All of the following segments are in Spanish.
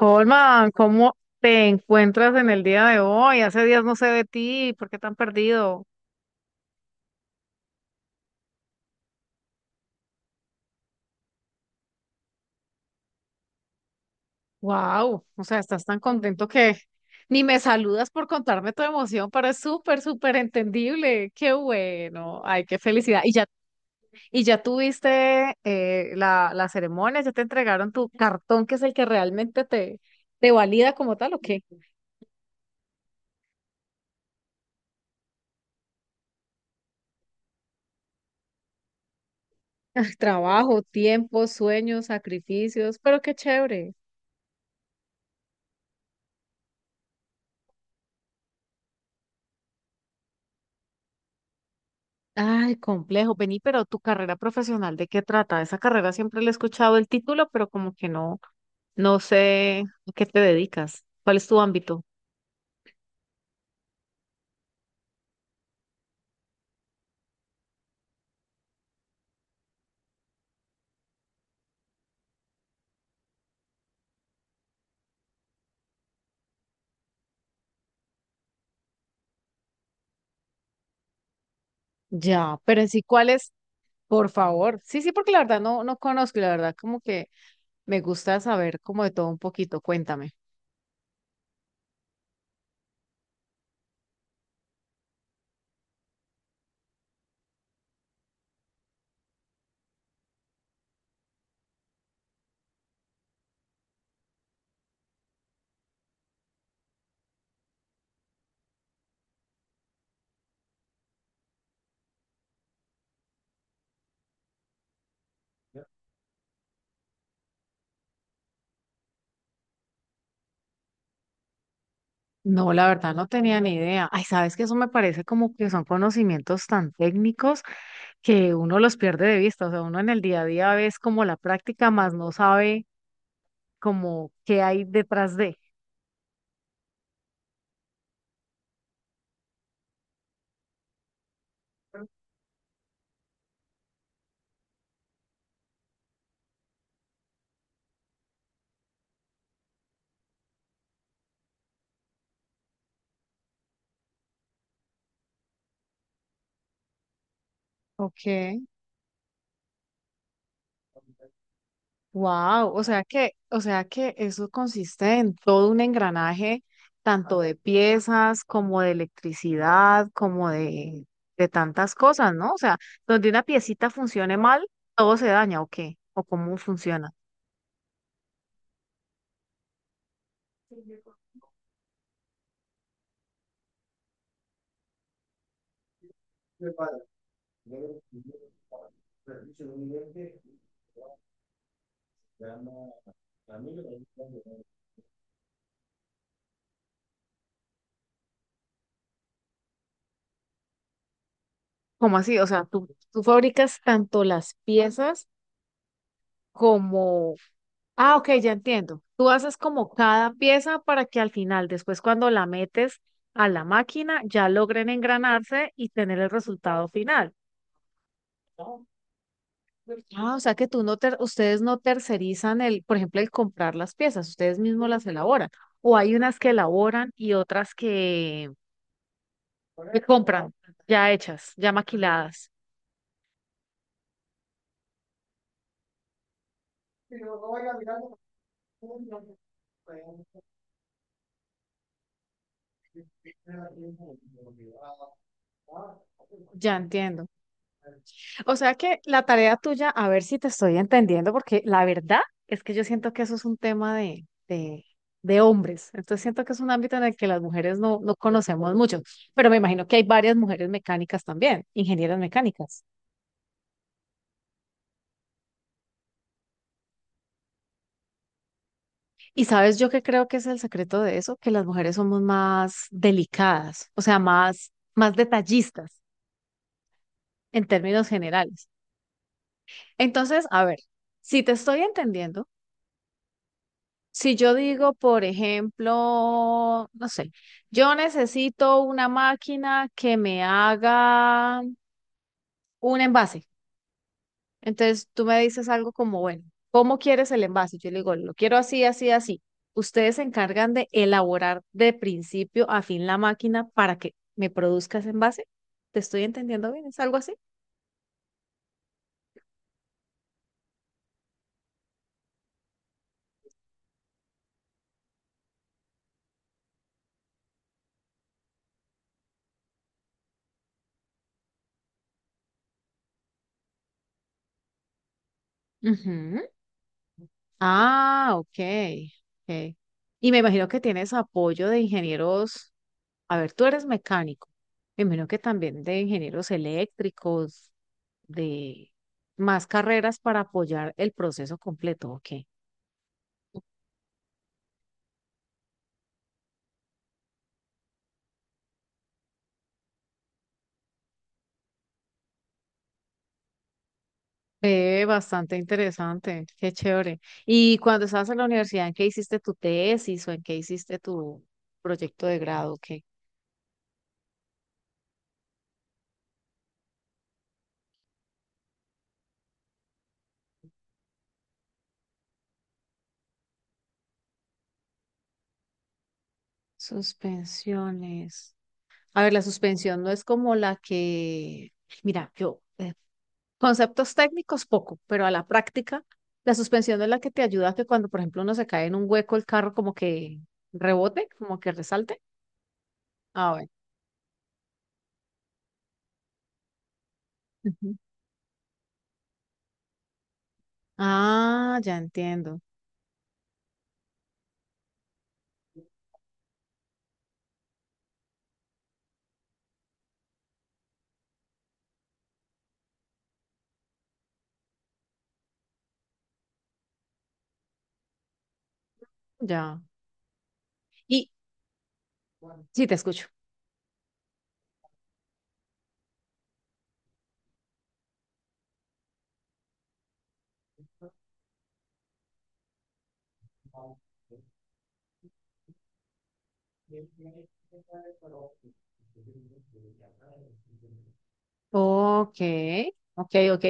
Holman, ¿cómo te encuentras en el día de hoy? Hace días no sé de ti, ¿por qué tan perdido? Wow, o sea, estás tan contento que ni me saludas por contarme tu emoción, pero es súper, súper entendible. Qué bueno, ay, qué felicidad. Y ya tuviste la ceremonia, ya te entregaron tu cartón, que es el que realmente te valida como tal, ¿o qué? Trabajo, tiempo, sueños, sacrificios, pero qué chévere. Ay, complejo, vení, pero tu carrera profesional, ¿de qué trata? Esa carrera siempre le he escuchado el título, pero como que no sé a qué te dedicas. ¿Cuál es tu ámbito? Ya, pero en sí, ¿cuál es? Por favor. Sí, sí, porque la verdad no conozco, y la verdad como que me gusta saber como de todo un poquito, cuéntame. No, la verdad no tenía ni idea. Ay, sabes que eso me parece como que son conocimientos tan técnicos que uno los pierde de vista, o sea, uno en el día a día ves como la práctica, más no sabe como qué hay detrás de. Okay, wow, o sea que eso consiste en todo un engranaje, tanto de piezas como de electricidad, como de tantas cosas, ¿no? O sea, donde una piecita funcione mal, todo se daña, ¿o qué? ¿O cómo funciona? ¿Cómo así? O sea, tú fabricas tanto las piezas como... Ah, ok, ya entiendo. Tú haces como cada pieza para que al final, después cuando la metes a la máquina, ya logren engranarse y tener el resultado final. Ah, o sea que tú no ter- ustedes no tercerizan el, por ejemplo, el comprar las piezas, ustedes mismos las elaboran. O hay unas que elaboran y otras que compran ya hechas, ya maquiladas. Ya entiendo. O sea que la tarea tuya, a ver si te estoy entendiendo, porque la verdad es que yo siento que eso es un tema de hombres. Entonces siento que es un ámbito en el que las mujeres no conocemos mucho, pero me imagino que hay varias mujeres mecánicas también, ingenieras mecánicas. Y sabes yo que creo que es el secreto de eso, que las mujeres somos más delicadas, o sea, más, más detallistas en términos generales. Entonces, a ver, si te estoy entendiendo... Si yo digo, por ejemplo, no sé, yo necesito una máquina que me haga un envase. Entonces tú me dices algo como, bueno, ¿cómo quieres el envase? Yo le digo, lo quiero así, así, así. Ustedes se encargan de elaborar de principio a fin la máquina para que me produzca ese envase. ¿Te estoy entendiendo bien? ¿Es algo así? Ujú. Ah, ok, ok. Y me imagino que tienes apoyo de ingenieros. A ver, tú eres mecánico. Me imagino que también de ingenieros eléctricos, de más carreras para apoyar el proceso completo, ¿ok? Bastante interesante, qué chévere. Y cuando estabas en la universidad, ¿en qué hiciste tu tesis o en qué hiciste tu proyecto de grado? ¿Qué? Suspensiones. A ver, la suspensión no es como la que, mira, yo, conceptos técnicos poco, pero a la práctica, la suspensión es la que te ayuda a que cuando, por ejemplo, uno se cae en un hueco, el carro como que rebote, como que resalte. Ah, bueno. Ujú. Ah, ya entiendo. Ya. Y sí, te escucho. Ok, ok, ok,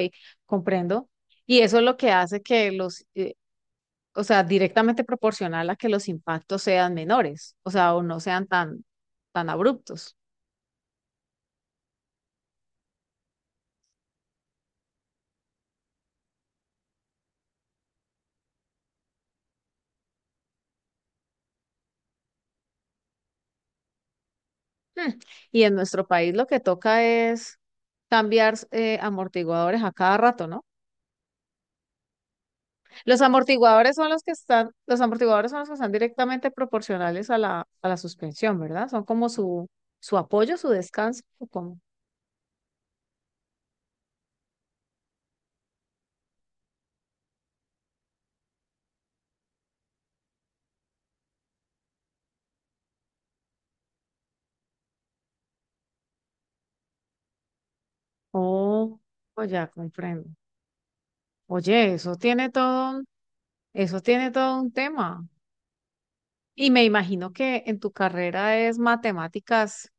comprendo. Y eso es lo que hace que o sea, directamente proporcional a que los impactos sean menores, o sea, o no sean tan, tan abruptos. Hmm, y en nuestro país lo que toca es cambiar amortiguadores a cada rato, ¿no? Los amortiguadores son los que están, los amortiguadores son los que están directamente proporcionales a a la suspensión, ¿verdad? Son como su apoyo, su descanso, o como... Oh, oh, ya comprendo. Oye, eso tiene todo un tema. Y me imagino que en tu carrera es matemáticas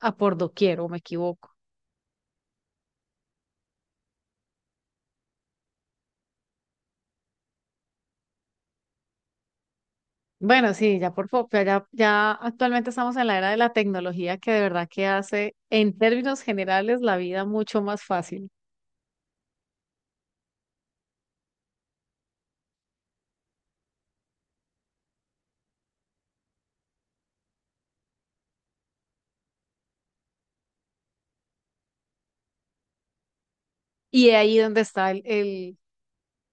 a por doquier, ¿o me equivoco? Bueno, sí, ya por poco, ya actualmente estamos en la era de la tecnología que de verdad que hace, en términos generales, la vida mucho más fácil. Y de ahí donde está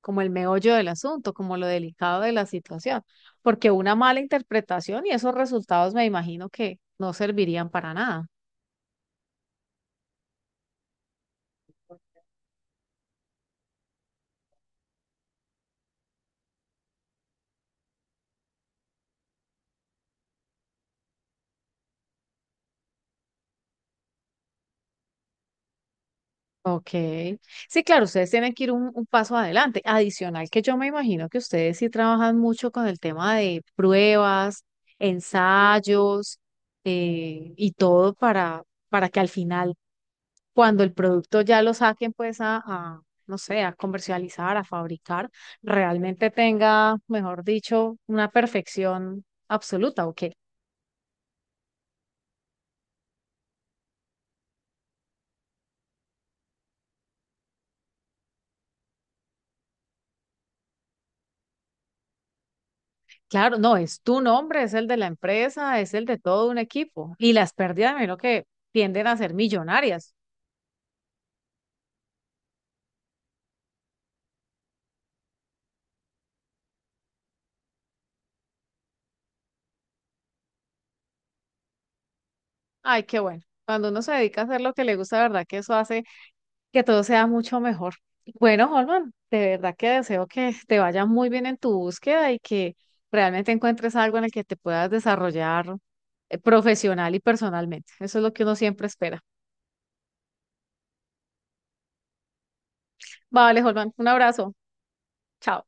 como el meollo del asunto, como lo delicado de la situación, porque una mala interpretación y esos resultados me imagino que no servirían para nada. Ok. Sí, claro, ustedes tienen que ir un paso adelante. Adicional que yo me imagino que ustedes sí trabajan mucho con el tema de pruebas, ensayos, y todo para que al final, cuando el producto ya lo saquen, pues no sé, a comercializar, a fabricar, realmente tenga, mejor dicho, una perfección absoluta, ¿ok? Claro, no, es tu nombre, es el de la empresa, es el de todo un equipo. Y las pérdidas, me que tienden a ser millonarias. Ay, qué bueno. Cuando uno se dedica a hacer lo que le gusta, de verdad que eso hace que todo sea mucho mejor. Bueno, Holman, de verdad que deseo que te vaya muy bien en tu búsqueda y que realmente encuentres algo en el que te puedas desarrollar profesional y personalmente. Eso es lo que uno siempre espera. Vale, Holman, un abrazo. Chao.